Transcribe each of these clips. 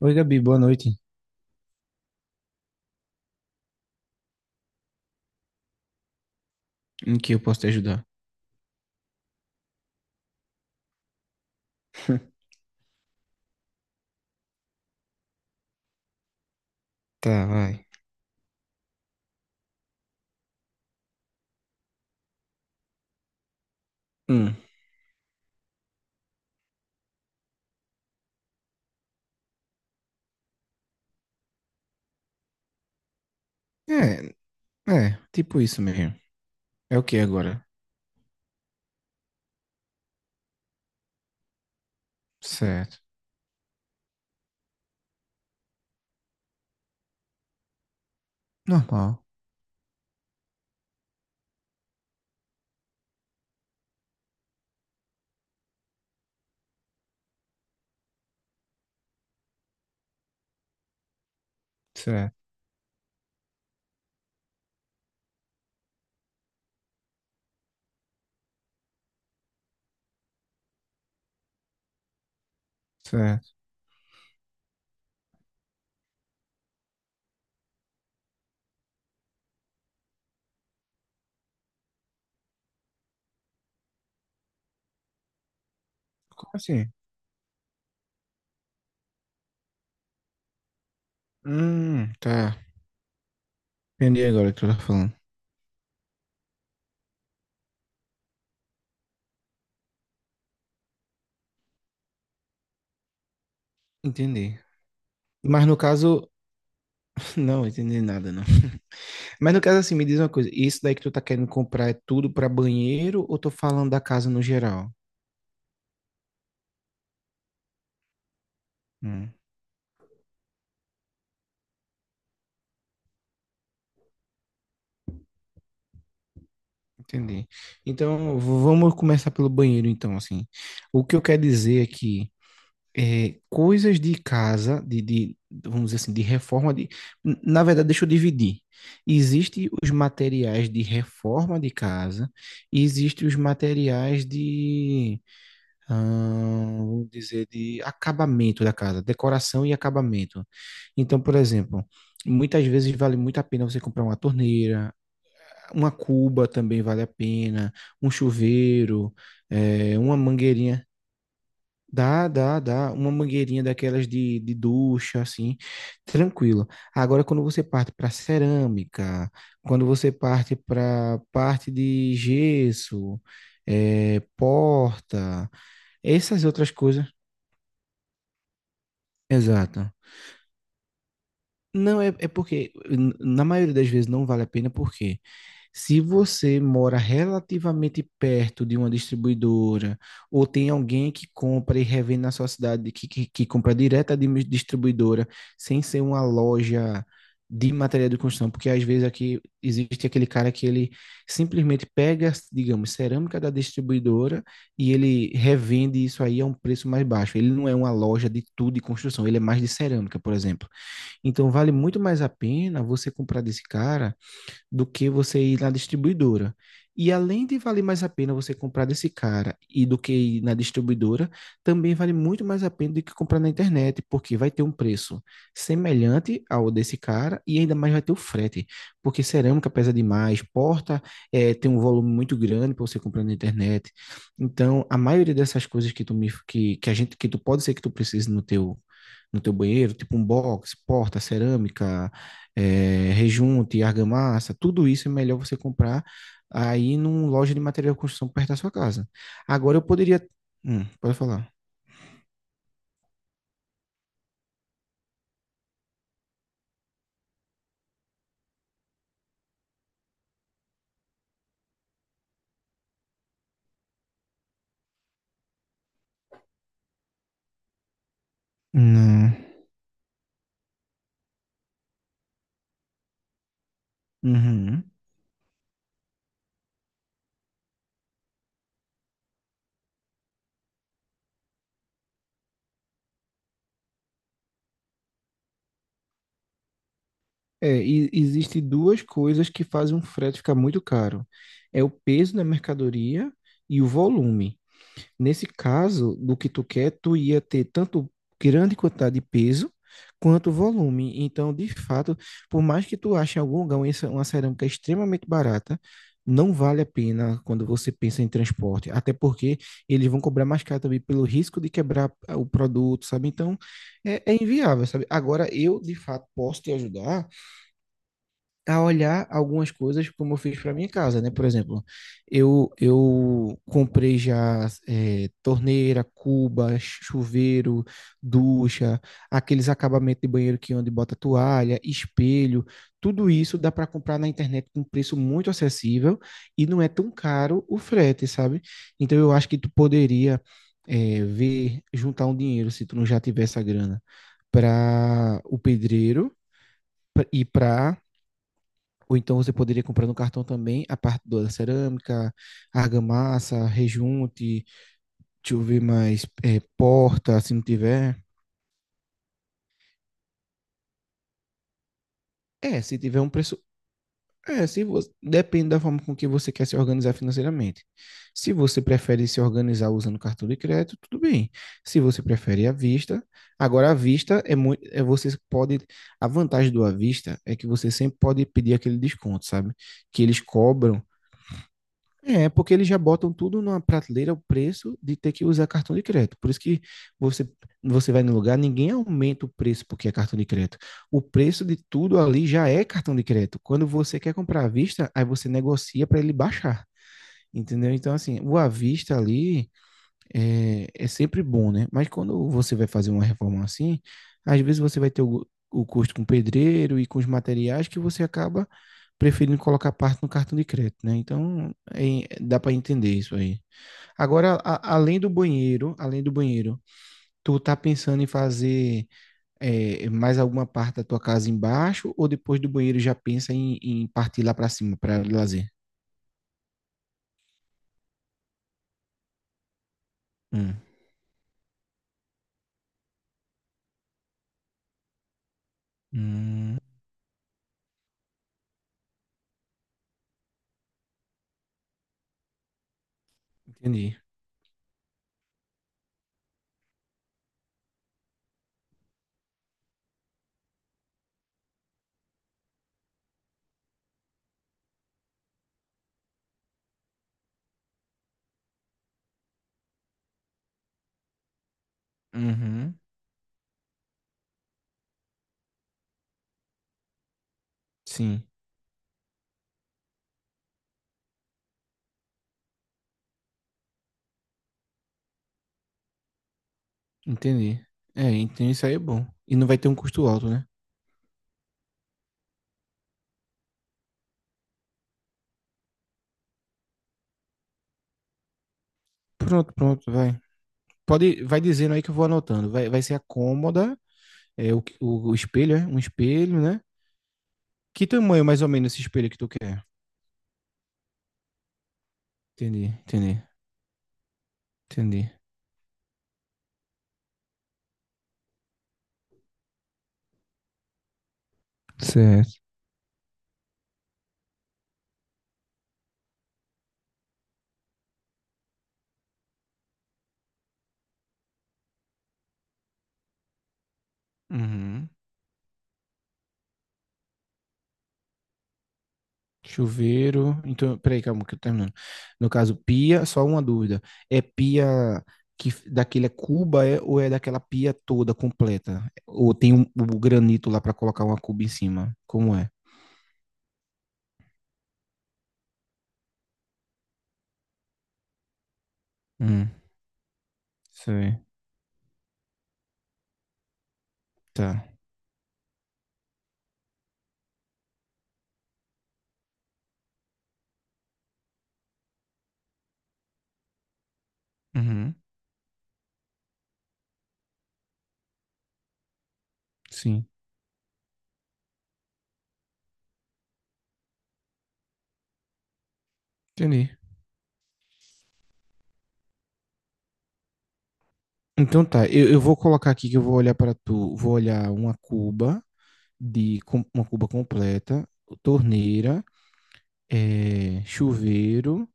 Oi, Gabi, boa noite. Em que eu posso te ajudar? Tá, vai. Hum. É, é, tipo isso mesmo. É o que agora? Certo. Normal. Certo, certo. Como assim? Tá. Entendi agora o que tu tá falando. Entendi. Mas no caso, não entendi nada, não. Mas no caso, assim, me diz uma coisa. Isso daí que tu tá querendo comprar é tudo pra banheiro ou tô falando da casa no geral? Hum, entendi. Então, vamos começar pelo banheiro, então, assim. O que eu quero dizer é que coisas de casa, de, vamos dizer assim, de reforma de. Na verdade, deixa eu dividir. Existem os materiais de reforma de casa, e existem os materiais de, ah, vamos dizer, de acabamento da casa, decoração e acabamento. Então, por exemplo, muitas vezes vale muito a pena você comprar uma torneira, uma cuba também vale a pena, um chuveiro, uma mangueirinha. Dá, dá, dá. Uma mangueirinha daquelas de ducha, assim, tranquilo. Agora, quando você parte para cerâmica, quando você parte para parte de gesso, porta, essas outras coisas. Exato. Não, é porque, na maioria das vezes, não vale a pena, porque se você mora relativamente perto de uma distribuidora, ou tem alguém que compra e revende na sua cidade, que compra direto de uma distribuidora, sem ser uma loja de material de construção, porque às vezes aqui existe aquele cara que ele simplesmente pega, digamos, cerâmica da distribuidora e ele revende isso aí a um preço mais baixo. Ele não é uma loja de tudo de construção, ele é mais de cerâmica, por exemplo. Então vale muito mais a pena você comprar desse cara do que você ir na distribuidora. E além de valer mais a pena você comprar desse cara e do que ir na distribuidora, também vale muito mais a pena do que comprar na internet, porque vai ter um preço semelhante ao desse cara e ainda mais vai ter o frete, porque cerâmica pesa demais, porta tem um volume muito grande para você comprar na internet. Então, a maioria dessas coisas que a gente que tu pode ser que tu precise no teu no teu banheiro, tipo um box, porta, cerâmica, rejunte, argamassa, tudo isso é melhor você comprar aí numa loja de material de construção perto da sua casa. Agora eu poderia. Pode falar. Não. Uhum. É, e existe duas coisas que fazem um frete ficar muito caro. É o peso da mercadoria e o volume. Nesse caso, do que tu quer, tu ia ter tanto grande quantidade de peso quanto volume. Então, de fato, por mais que tu ache em algum lugar uma uma cerâmica extremamente barata, não vale a pena quando você pensa em transporte, até porque eles vão cobrar mais caro também pelo risco de quebrar o produto, sabe? Então, é inviável, sabe? Agora, eu, de fato, posso te ajudar a olhar algumas coisas como eu fiz para minha casa, né? Por exemplo, eu comprei já torneira, cuba, chuveiro, ducha, aqueles acabamentos de banheiro que onde bota toalha, espelho, tudo isso dá para comprar na internet com preço muito acessível e não é tão caro o frete, sabe? Então eu acho que tu poderia ver juntar um dinheiro se tu não já tivesse a grana para o pedreiro e para, ou então você poderia comprar no cartão também a parte da cerâmica, argamassa, rejunte, deixa eu ver mais, porta, se não tiver. É, se tiver um preço. É, se você... depende da forma com que você quer se organizar financeiramente. Se você prefere se organizar usando cartão de crédito, tudo bem. Se você prefere à vista, agora à vista é muito, você pode, a vantagem do à vista é que você sempre pode pedir aquele desconto, sabe? Que eles cobram. É, porque eles já botam tudo numa prateleira o preço de ter que usar cartão de crédito. Por isso que você, você vai no lugar, ninguém aumenta o preço porque é cartão de crédito. O preço de tudo ali já é cartão de crédito. Quando você quer comprar à vista, aí você negocia para ele baixar. Entendeu? Então, assim, o à vista ali é sempre bom, né? Mas quando você vai fazer uma reforma assim, às vezes você vai ter o custo com o pedreiro e com os materiais que você acaba preferindo colocar parte no cartão de crédito, né? Então, dá para entender isso aí. Agora, além do banheiro, tu tá pensando em fazer mais alguma parte da tua casa embaixo ou depois do banheiro já pensa em partir lá para cima para lazer? Hum. Hum, entendi. Uhum, sim. Entendi. É, então isso aí é bom. E não vai ter um custo alto, né? Pronto, pronto, vai. Pode, vai dizendo aí que eu vou anotando. Vai ser a cômoda, o espelho, é? Um espelho, né? Que tamanho mais ou menos esse espelho que tu quer? Entendi, entendi, entendi. Certo. Uhum. Chuveiro. Então, peraí, calma, que eu tô terminando. No caso, pia, só uma dúvida. É pia que daquele é cuba ou é daquela pia toda completa? Ou tem o granito lá pra colocar uma cuba em cima? Como é? Sei, tá. Uhum, sim, entendi. Então tá, eu vou colocar aqui que eu vou olhar para tu, vou olhar uma cuba uma cuba completa, torneira, chuveiro,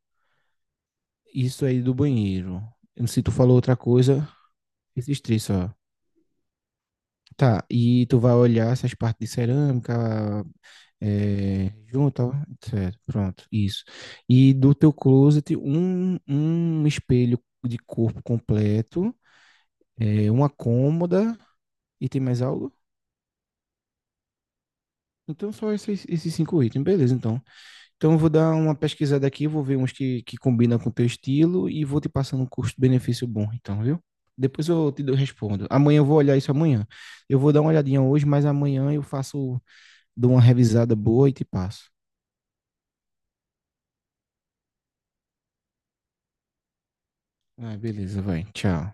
isso aí do banheiro. Eu não sei se tu falou outra coisa, esses três só. Tá, e tu vai olhar essas partes de cerâmica, é, junta, ó, certo, pronto, isso. E do teu closet, um espelho de corpo completo uma cômoda e tem mais algo? Então só esses cinco itens, beleza, então. Então eu vou dar uma pesquisada aqui, vou ver uns que combinam com o teu estilo e vou te passando um custo-benefício bom, então, viu? Depois eu te respondo. Amanhã eu vou olhar isso amanhã. Eu vou dar uma olhadinha hoje, mas amanhã eu faço, dou uma revisada boa e te passo. Ah, beleza, vai. Tchau.